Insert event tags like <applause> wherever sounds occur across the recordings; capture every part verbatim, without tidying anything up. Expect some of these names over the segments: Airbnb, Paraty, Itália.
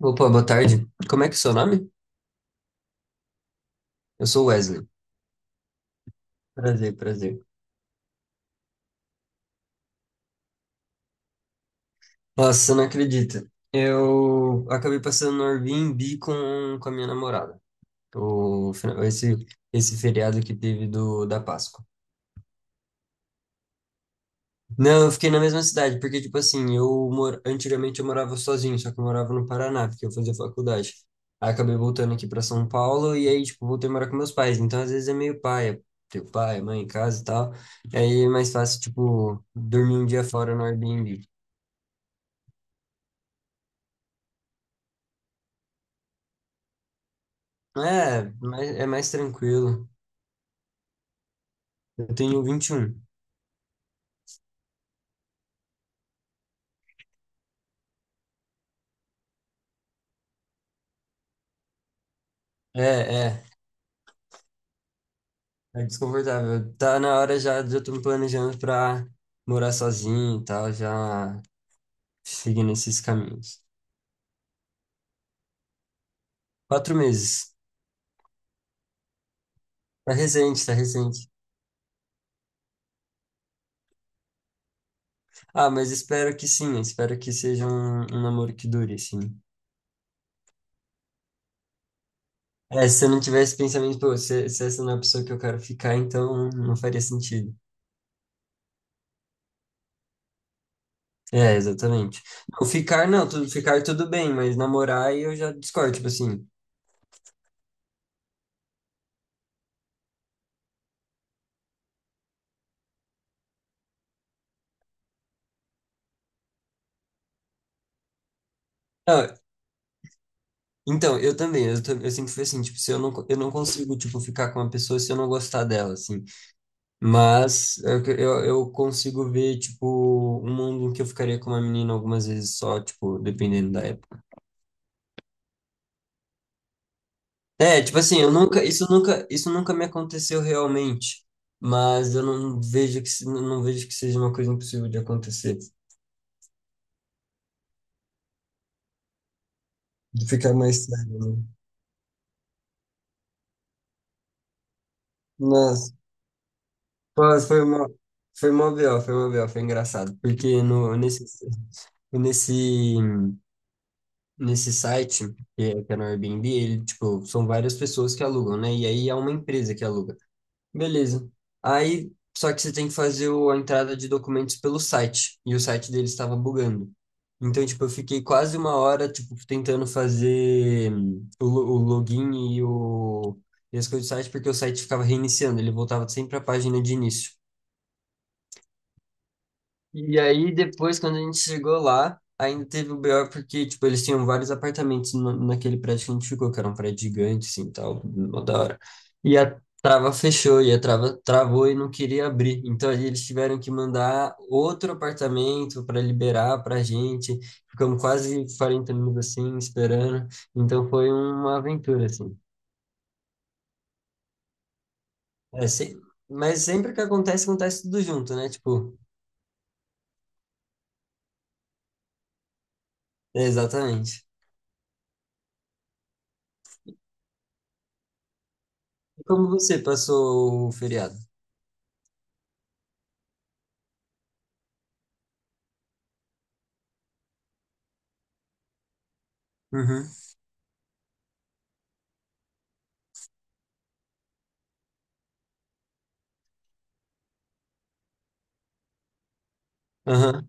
Opa, boa tarde. Como é que é o seu nome? Eu sou Wesley. Prazer, prazer. Nossa, você não acredita. Eu acabei passando no Airbnb com, com a minha namorada. O, fina- esse, Esse feriado que teve do, da Páscoa. Não, eu fiquei na mesma cidade, porque, tipo assim, eu mor... antigamente eu morava sozinho, só que eu morava no Paraná, porque eu fazia faculdade. Aí acabei voltando aqui pra São Paulo e aí, tipo, voltei a morar com meus pais. Então, às vezes é meio paia, ter pai, mãe em casa e tal. E aí é mais fácil, tipo, dormir um dia fora no Airbnb. É, mais- é mais tranquilo. Eu tenho vinte e um. É, é, É desconfortável. Tá na hora já de eu tô me planejando pra morar sozinho e tal, já seguindo esses caminhos. Quatro meses. Tá recente, tá recente. Ah, mas espero que sim, espero que seja um, um namoro que dure, sim. É, se eu não tivesse pensamento, pô, se, se essa não é a pessoa que eu quero ficar, então não faria sentido. É, exatamente. Não, ficar não, tu- ficar tudo bem, mas namorar aí eu já discordo, tipo assim. Não, então, eu também, eu, tam- eu sempre fui assim, tipo, se eu não, co- eu não consigo, tipo, ficar com uma pessoa se eu não gostar dela, assim. Mas é que eu, eu consigo ver, tipo, um mundo em que eu ficaria com uma menina algumas vezes só, tipo, dependendo da época. É, tipo assim, eu nunca, isso nunca, isso nunca me aconteceu realmente, mas eu não vejo que, se- não vejo que seja uma coisa impossível de acontecer, de ficar mais sério, né? Nossa, pô, foi uma, foi uma B O, foi uma B O, foi engraçado, porque no, nesse, nesse nesse site, que é que é no Airbnb, ele, tipo, são várias pessoas que alugam, né? E aí é uma empresa que aluga. Beleza. Aí, só que você tem que fazer o- a entrada de documentos pelo site, e o site dele estava bugando. Então, tipo, eu fiquei quase uma hora, tipo, tentando fazer hum, o, lo- o login e o e as coisas do site, porque o site ficava reiniciando, ele voltava sempre à página de início. E aí, depois, quando a gente chegou lá, ainda teve o B O porque, tipo, eles tinham vários apartamentos no- naquele prédio que a gente ficou, que era um prédio gigante, assim, tal, mó da hora. E a trava fechou, e a trava travou e não queria abrir. Então, aí eles tiveram que mandar outro apartamento para liberar pra gente. Ficamos quase quarenta minutos, assim, esperando. Então, foi uma aventura, assim. É, se- Mas sempre que acontece, acontece tudo junto, né? Tipo, é, exatamente. E como você passou o feriado? Uhum. Aham.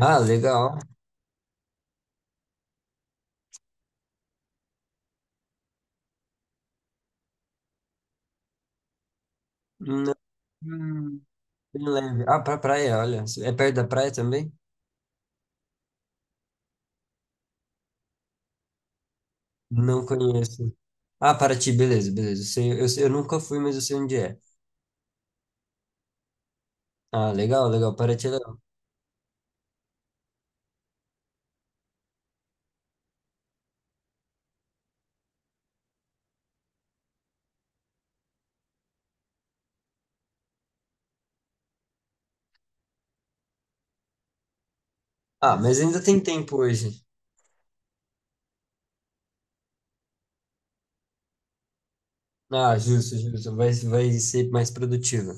Ah, legal. Não, hum, bem leve. Ah, pra praia, olha. É perto da praia também? Não conheço. Ah, Paraty, beleza, beleza. Eu sei, eu sei- eu nunca fui, mas eu sei onde é. Ah, legal, legal. Paraty é legal. Ah, mas ainda tem tempo hoje. Ah, justo, justo. Vai, vai ser mais produtiva.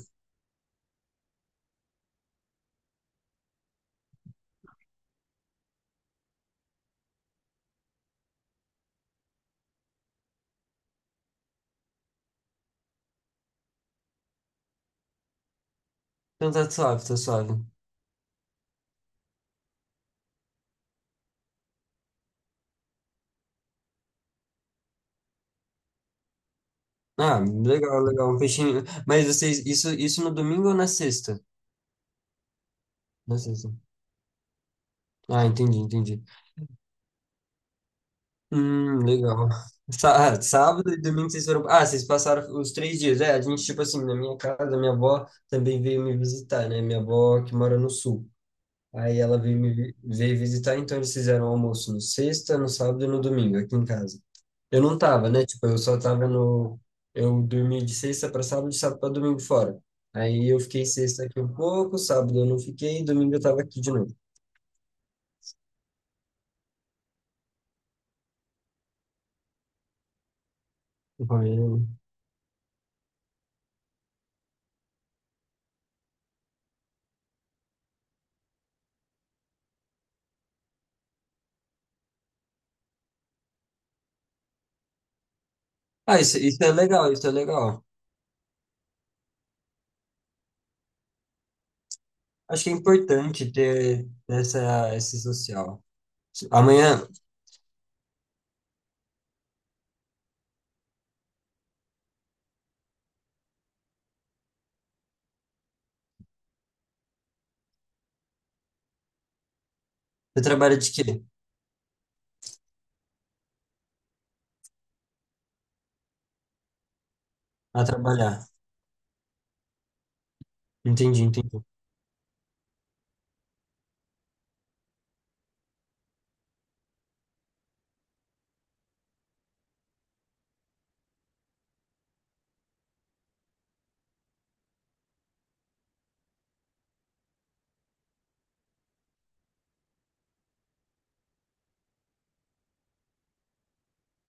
Então tá suave, tá suave. Ah, legal, legal. Um peixinho. Mas vocês, isso, isso no domingo ou na sexta? Na sexta. Ah, entendi, entendi. Hum, legal. Sá- Sábado e domingo vocês foram. Ah, vocês passaram os três dias. É, a gente, tipo assim, na minha casa, minha avó também veio me visitar, né? Minha avó que mora no sul. Aí ela veio me vi- veio visitar, então eles fizeram almoço no sexta, no sábado e no domingo, aqui em casa. Eu não tava, né? Tipo, eu só tava no. Eu dormi de sexta para sábado, de sábado para domingo fora. Aí eu fiquei sexta aqui um pouco, sábado eu não fiquei, domingo eu tava aqui de novo. Aí- Ah, isso, isso é legal, isso é legal. Acho que é importante ter essa, esse social. Amanhã você trabalha de quê? A trabalhar. Entendi, entendi.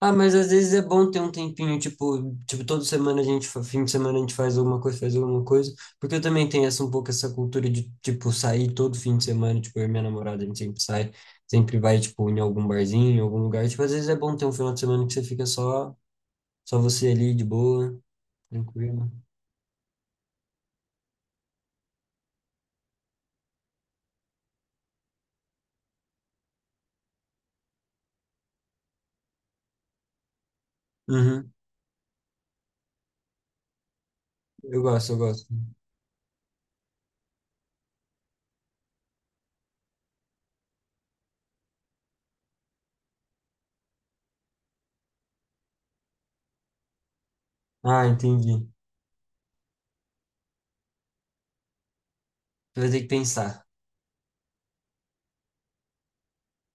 Ah, mas às vezes é bom ter um tempinho, tipo, tipo, toda semana a gente, fa- fim de semana a gente faz alguma coisa, faz alguma coisa, porque eu também tenho essa um pouco essa cultura de, tipo, sair todo fim de semana, tipo, eu e minha namorada, a gente sempre sai, sempre vai, tipo, em algum barzinho, em algum lugar, tipo, às vezes é bom ter um final de semana que você fica só, só você ali, de boa, tranquilo. Uhum, eu gosto, eu gosto. Ah, entendi. Você vai ter que pensar.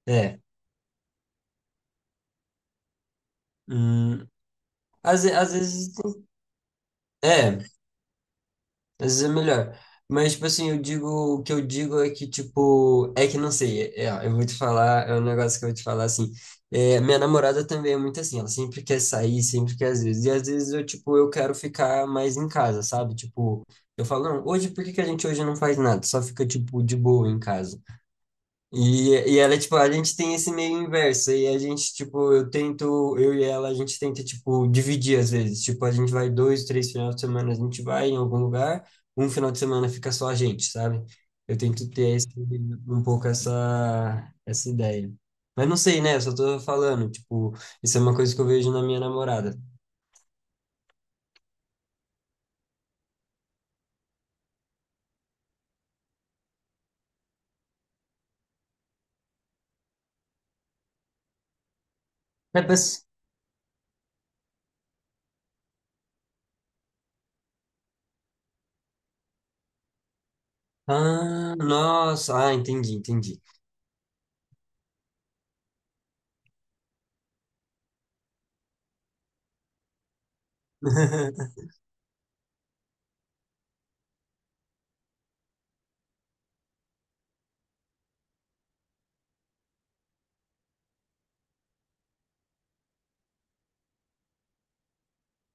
É. Hum, às, ve- às vezes. É, às vezes é melhor. Mas, tipo assim, eu digo. O que eu digo é que, tipo. É que não sei. É, é, ó, eu vou te falar. É um negócio que eu vou te falar assim. É, minha namorada também é muito assim. Ela sempre quer sair, sempre quer às vezes. E às vezes eu, tipo, eu quero ficar mais em casa, sabe? Tipo, eu falo, não, hoje por que que a gente hoje não faz nada? Só fica, tipo, de boa em casa. E, e ela, tipo, a gente tem esse meio inverso, e a gente, tipo, eu tento, eu e ela, a gente tenta, tipo, dividir às vezes, tipo, a gente vai dois, três finais de semana, a gente vai em algum lugar, um final de semana fica só a gente, sabe? Eu tento ter esse, um pouco essa, essa ideia. Mas não sei, né? Eu só tô falando, tipo, isso é uma coisa que eu vejo na minha namorada. É, mas- Ah, nossa, ah, entendi, entendi. <laughs>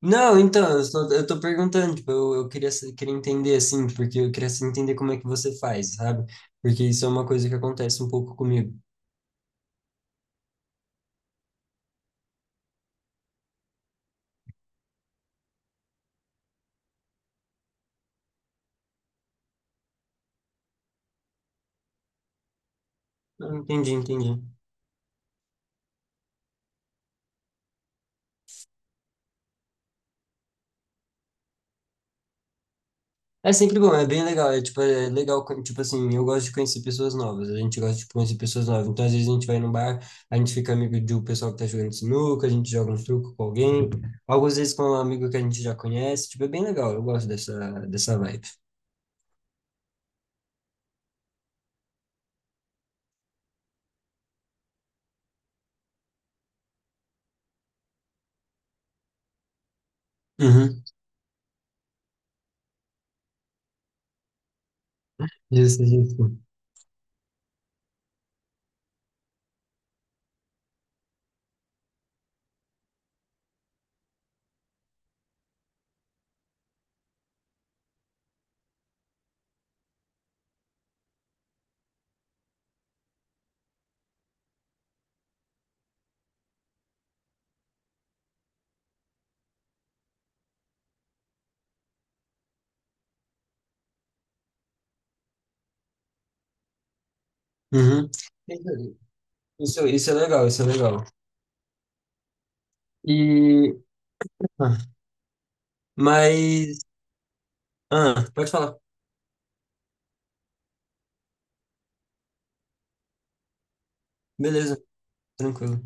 Não, então, eu estou, eu tô perguntando, tipo, eu, eu queria, sa- queria entender, assim, porque eu queria assim, entender como é que você faz, sabe? Porque isso é uma coisa que acontece um pouco comigo. Não, entendi, entendi. É sempre bom, é bem legal, é, tipo, é legal, quando, tipo assim, eu gosto de conhecer pessoas novas, a gente gosta de conhecer pessoas novas, então às vezes a gente vai no bar, a gente fica amigo de um pessoal que tá jogando sinuca, a gente joga um truco com alguém, algumas vezes com um amigo que a gente já conhece, tipo, é bem legal, eu gosto dessa, dessa vibe. Uhum, justo, justo. Uhum. Isso, isso é legal, isso é legal. E. Ah, mas. Ah, pode falar. Beleza, tranquilo.